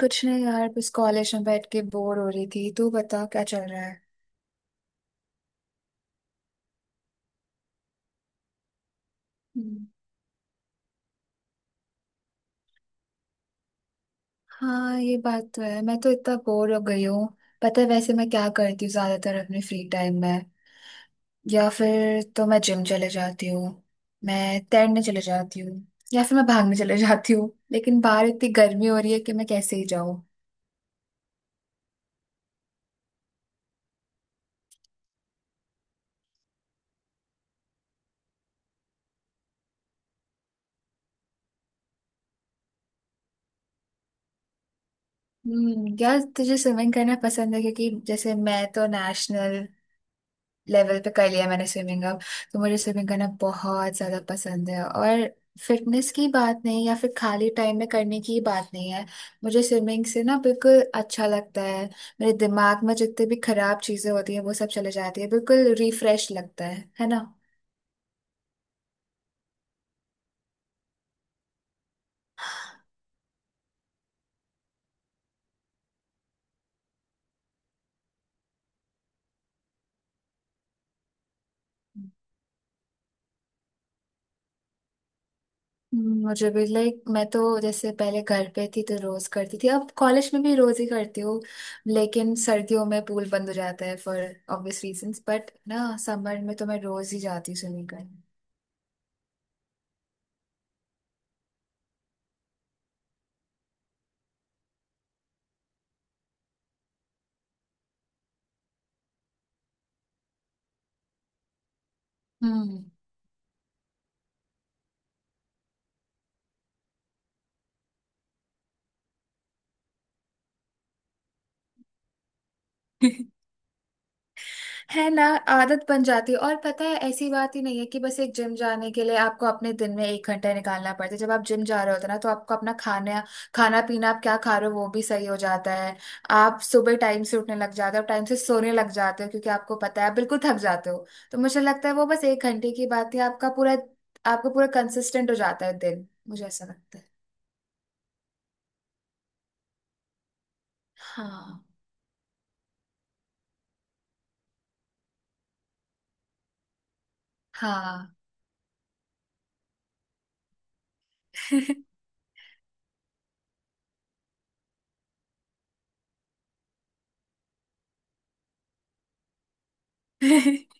कुछ नहीं यार, बस कॉलेज में बैठ के बोर हो रही थी। तू बता क्या चल रहा है? हम्म। हाँ, ये बात तो है, मैं तो इतना बोर हो गई हूँ। पता है वैसे मैं क्या करती हूँ ज्यादातर अपने फ्री टाइम में? या फिर तो मैं जिम चले जाती हूँ, मैं तैरने चले जाती हूँ, या फिर मैं भागने चले जाती हूँ। लेकिन बाहर इतनी गर्मी हो रही है कि मैं कैसे ही जाऊँ। हम्म, यार तुझे स्विमिंग करना पसंद है? क्योंकि जैसे मैं तो नेशनल लेवल पे कर लिया मैंने स्विमिंग, अब तो मुझे स्विमिंग करना बहुत ज्यादा पसंद है। और फिटनेस की बात नहीं या फिर खाली टाइम में करने की बात नहीं है, मुझे स्विमिंग से ना बिल्कुल अच्छा लगता है। मेरे दिमाग में जितने भी खराब चीजें होती है वो सब चले जाती है, बिल्कुल रिफ्रेश लगता है ना? मुझे भी लाइक मैं तो जैसे पहले घर पे थी तो रोज करती थी, अब कॉलेज में भी रोज ही करती हूँ। लेकिन सर्दियों में पूल बंद हो जाता है फॉर ऑब्वियस रीजंस, बट ना समर में तो मैं रोज ही जाती हूँ स्विमिंग करने। हम्म। है ना। आदत बन जाती है। और पता है ऐसी बात ही नहीं है कि बस एक जिम जाने के लिए आपको अपने दिन में एक घंटा निकालना पड़ता है। जब आप जिम जा रहे होते हैं ना, तो आपको अपना खाना खाना पीना, आप क्या खा रहे हो वो भी सही हो जाता है। आप सुबह टाइम से उठने लग जाते हो, टाइम से सोने लग जाते हो, क्योंकि आपको पता है आप बिल्कुल थक जाते हो। तो मुझे लगता है वो बस एक घंटे की बात है, आपका पूरा कंसिस्टेंट हो जाता है दिन, मुझे ऐसा लगता है। हाँ। हाँ।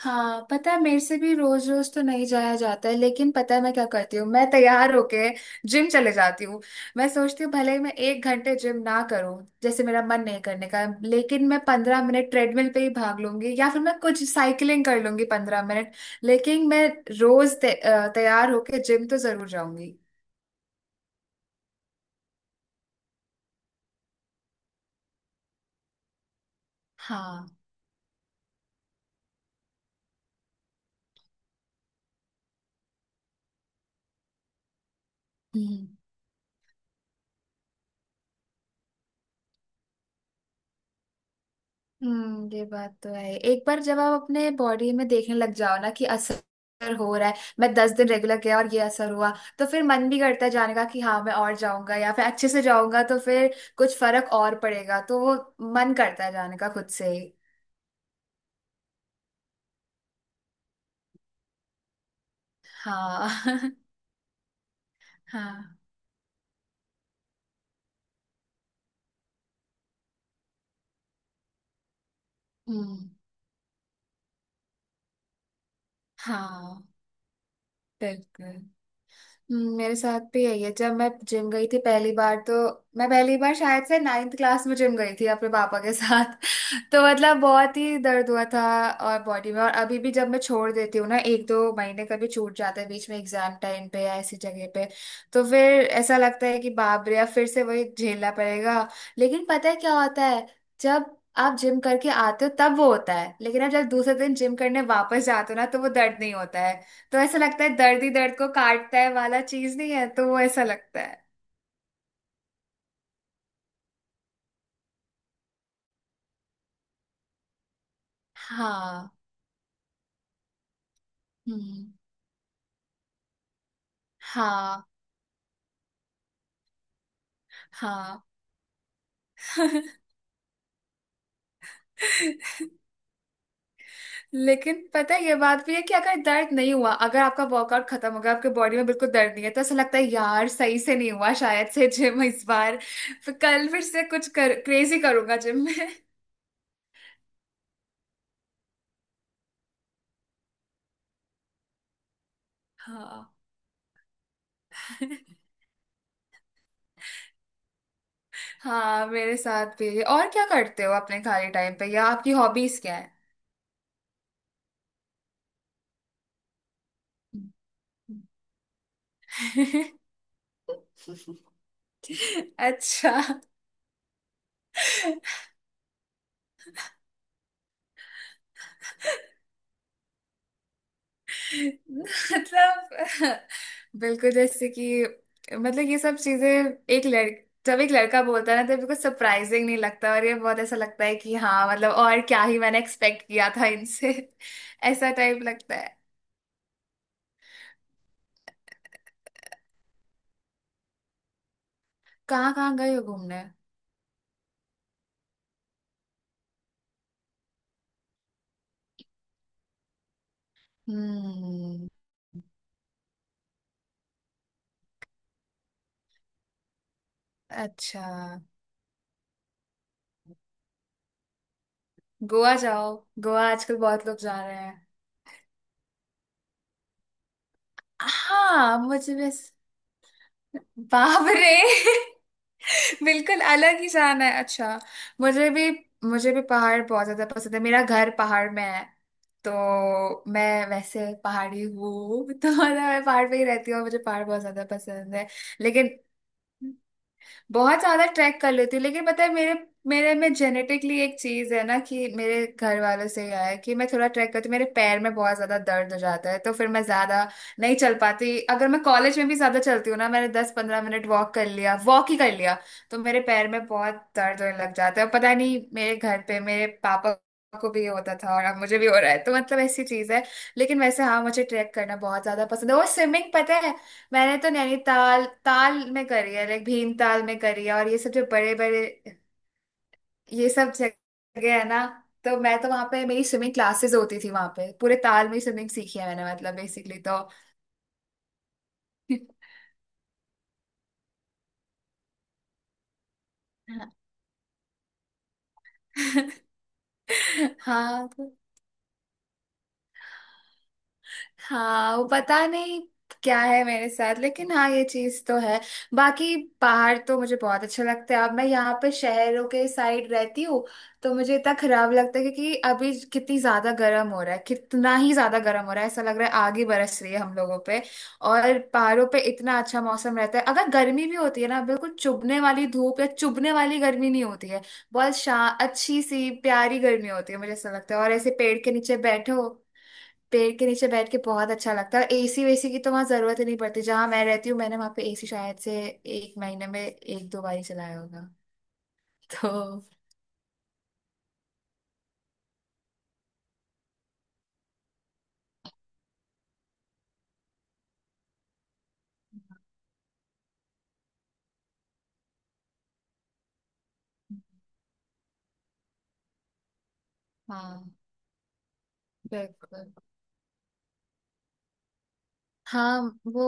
हाँ, पता है मेरे से भी रोज रोज तो नहीं जाया जाता है, लेकिन पता है मैं क्या करती हूँ, मैं तैयार होके जिम चले जाती हूँ। मैं सोचती हूँ भले ही मैं एक घंटे जिम ना करूँ, जैसे मेरा मन नहीं करने का, लेकिन मैं 15 मिनट ट्रेडमिल पे ही भाग लूंगी, या फिर मैं कुछ साइकिलिंग कर लूंगी 15 मिनट। लेकिन मैं रोज तैयार होके जिम तो जरूर जाऊंगी। हाँ। हम्म, ये बात तो है। एक बार जब आप अपने बॉडी में देखने लग जाओ ना कि असर हो रहा है, मैं 10 दिन रेगुलर गया और ये असर हुआ, तो फिर मन भी करता है जाने का कि हाँ मैं और जाऊंगा, या फिर अच्छे से जाऊंगा तो फिर कुछ फर्क और पड़ेगा। तो वो मन करता है जाने का खुद से ही। हाँ। हाँ। हम्म। हाँ। बिल्कुल। मेरे साथ भी यही है। जब मैं जिम गई थी पहली बार, तो मैं पहली बार शायद से नाइन्थ क्लास में जिम गई थी अपने पापा के साथ। तो मतलब बहुत ही दर्द हुआ था और बॉडी में। और अभी भी जब मैं छोड़ देती हूँ ना एक दो महीने, कभी छूट जाते हैं बीच में एग्जाम टाइम पे या ऐसी जगह पे, तो फिर ऐसा लगता है कि बाप रे अब फिर से वही झेलना पड़ेगा। लेकिन पता है क्या होता है, जब आप जिम करके आते हो तब वो होता है, लेकिन आप जब दूसरे दिन जिम करने वापस जाते हो ना तो वो दर्द नहीं होता है। तो ऐसा लगता है दर्द ही दर्द को काटता है वाला चीज नहीं है, तो वो ऐसा लगता है। हाँ। हम्म। हाँ। हाँ। लेकिन पता है ये बात भी है कि अगर दर्द नहीं हुआ, अगर आपका वर्कआउट खत्म हो गया, आपके बॉडी में बिल्कुल दर्द नहीं है, तो ऐसा लगता है यार सही से नहीं हुआ शायद से जिम इस बार। फिर कल फिर से कुछ कर क्रेजी करूंगा जिम में। हाँ। हाँ, मेरे साथ भी है। और क्या करते हो अपने खाली टाइम पे, या आपकी हॉबीज क्या है? अच्छा। मतलब बिल्कुल, जैसे कि मतलब ये सब चीजें एक लड़क जब एक लड़का बोलता है ना, तो बिल्कुल सरप्राइजिंग नहीं लगता, और ये बहुत ऐसा लगता है कि हाँ मतलब और क्या ही मैंने एक्सपेक्ट किया था इनसे। ऐसा टाइप लगता है। कहाँ कहाँ गए हो घूमने? हम्म। अच्छा, गोवा जाओ। गोवा आजकल बहुत लोग जा रहे हैं। हाँ मुझे भी। बाप रे। बिल्कुल अलग ही शान है। अच्छा। मुझे भी। मुझे भी पहाड़ बहुत ज्यादा पसंद है, मेरा घर पहाड़ में है, तो मैं वैसे पहाड़ी हूँ। तो मतलब मैं पहाड़ पे ही रहती हूँ, मुझे पहाड़ बहुत ज्यादा पसंद है। लेकिन बहुत ज्यादा ट्रैक कर लेती हूँ, लेकिन पता है मेरे मेरे में जेनेटिकली एक चीज है ना कि मेरे घर वालों से ही आया है, कि मैं थोड़ा ट्रैक करती हूँ मेरे पैर में बहुत ज्यादा दर्द हो जाता है, तो फिर मैं ज्यादा नहीं चल पाती। अगर मैं कॉलेज में भी ज्यादा चलती हूँ ना, मैंने दस पंद्रह मिनट वॉक कर लिया, वॉक ही कर लिया, तो मेरे पैर में बहुत दर्द होने लग जाता है। और पता नहीं, मेरे घर पे मेरे पापा को भी ये होता था और अब मुझे भी हो रहा है, तो मतलब ऐसी चीज है। लेकिन वैसे हाँ, मुझे ट्रैक करना बहुत ज्यादा पसंद है। और स्विमिंग पता है मैंने तो नैनीताल ताल में करी है, लाइक भीमताल में करी है, और ये सब जो बड़े बड़े ये सब जगह है ना, तो मैं तो वहां पे मेरी स्विमिंग क्लासेस होती थी, वहां पे पूरे ताल में स्विमिंग सीखी है मैंने मतलब बेसिकली तो। हाँ। तो हाँ, वो पता नहीं क्या है मेरे साथ, लेकिन हाँ ये चीज तो है। बाकी पहाड़ तो मुझे बहुत अच्छे लगते हैं, अब मैं यहाँ पे शहरों के साइड रहती हूँ, तो मुझे इतना खराब लगता है क्योंकि अभी कितनी ज्यादा गर्म हो रहा है, कितना ही ज्यादा गर्म हो रहा है, ऐसा लग रहा है आग ही बरस रही है हम लोगों पे। और पहाड़ों पे इतना अच्छा मौसम रहता है, अगर गर्मी भी होती है ना, बिल्कुल चुभने वाली धूप या चुभने वाली गर्मी नहीं होती है, बहुत शा अच्छी सी प्यारी गर्मी होती है मुझे ऐसा लगता है, और ऐसे पेड़ के नीचे बैठो, पेड़ के नीचे बैठ के बहुत अच्छा लगता है। एसी वेसी की तो वहां जरूरत ही नहीं पड़ती, जहां मैं रहती हूँ मैंने वहां पे एसी शायद से एक महीने में एक दो बार ही चलाया होगा। तो हाँ। बिल्कुल। हाँ वो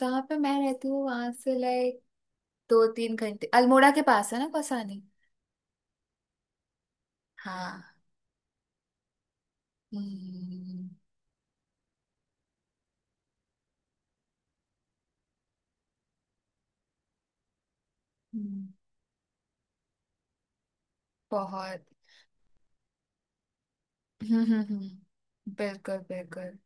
जहाँ पे मैं रहती हूँ, वहां से लाइक दो तीन घंटे अल्मोड़ा के पास है ना कौसानी। हाँ। हम्म। हम्म, बहुत। हम्म। हम्म। बिल्कुल बिल्कुल।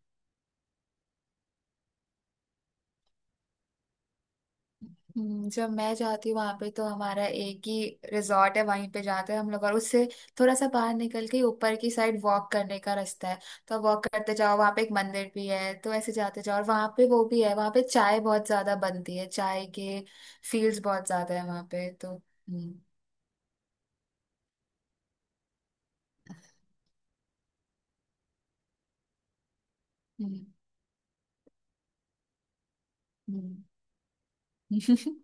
जब मैं जाती हूँ वहां पे तो हमारा एक ही रिजॉर्ट है, वहीं पे जाते हैं हम लोग, और उससे थोड़ा सा बाहर निकल के ऊपर की साइड वॉक करने का रास्ता है, तो वॉक करते जाओ वहां पे एक मंदिर भी है, तो ऐसे जाते जाओ और वहां पे वो भी है। वहां पे चाय बहुत ज्यादा बनती है, चाय के फील्ड्स बहुत ज्यादा है वहां पे तो। हम्म। हम्म। हम्म।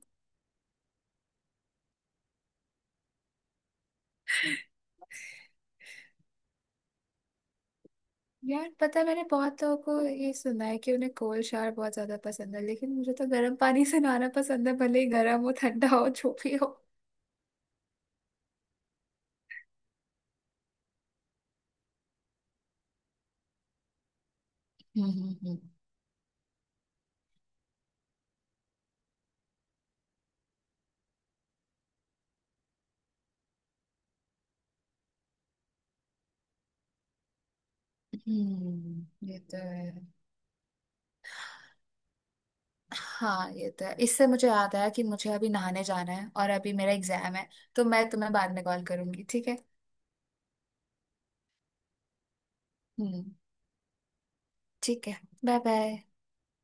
यार पता है मैंने बहुत लोगों को ये सुना है कि उन्हें कोल्ड शावर बहुत ज्यादा पसंद है, लेकिन मुझे तो गर्म पानी से नहाना पसंद है, भले ही गर्म हो ठंडा हो जो भी हो। हम्म। हम्म। हम्म। ये तो है। हाँ ये तो है, इससे मुझे याद आया कि मुझे अभी नहाने जाना है और अभी मेरा एग्जाम है, तो मैं तुम्हें बाद में कॉल करूंगी, ठीक है? हम्म। ठीक है, बाय बाय।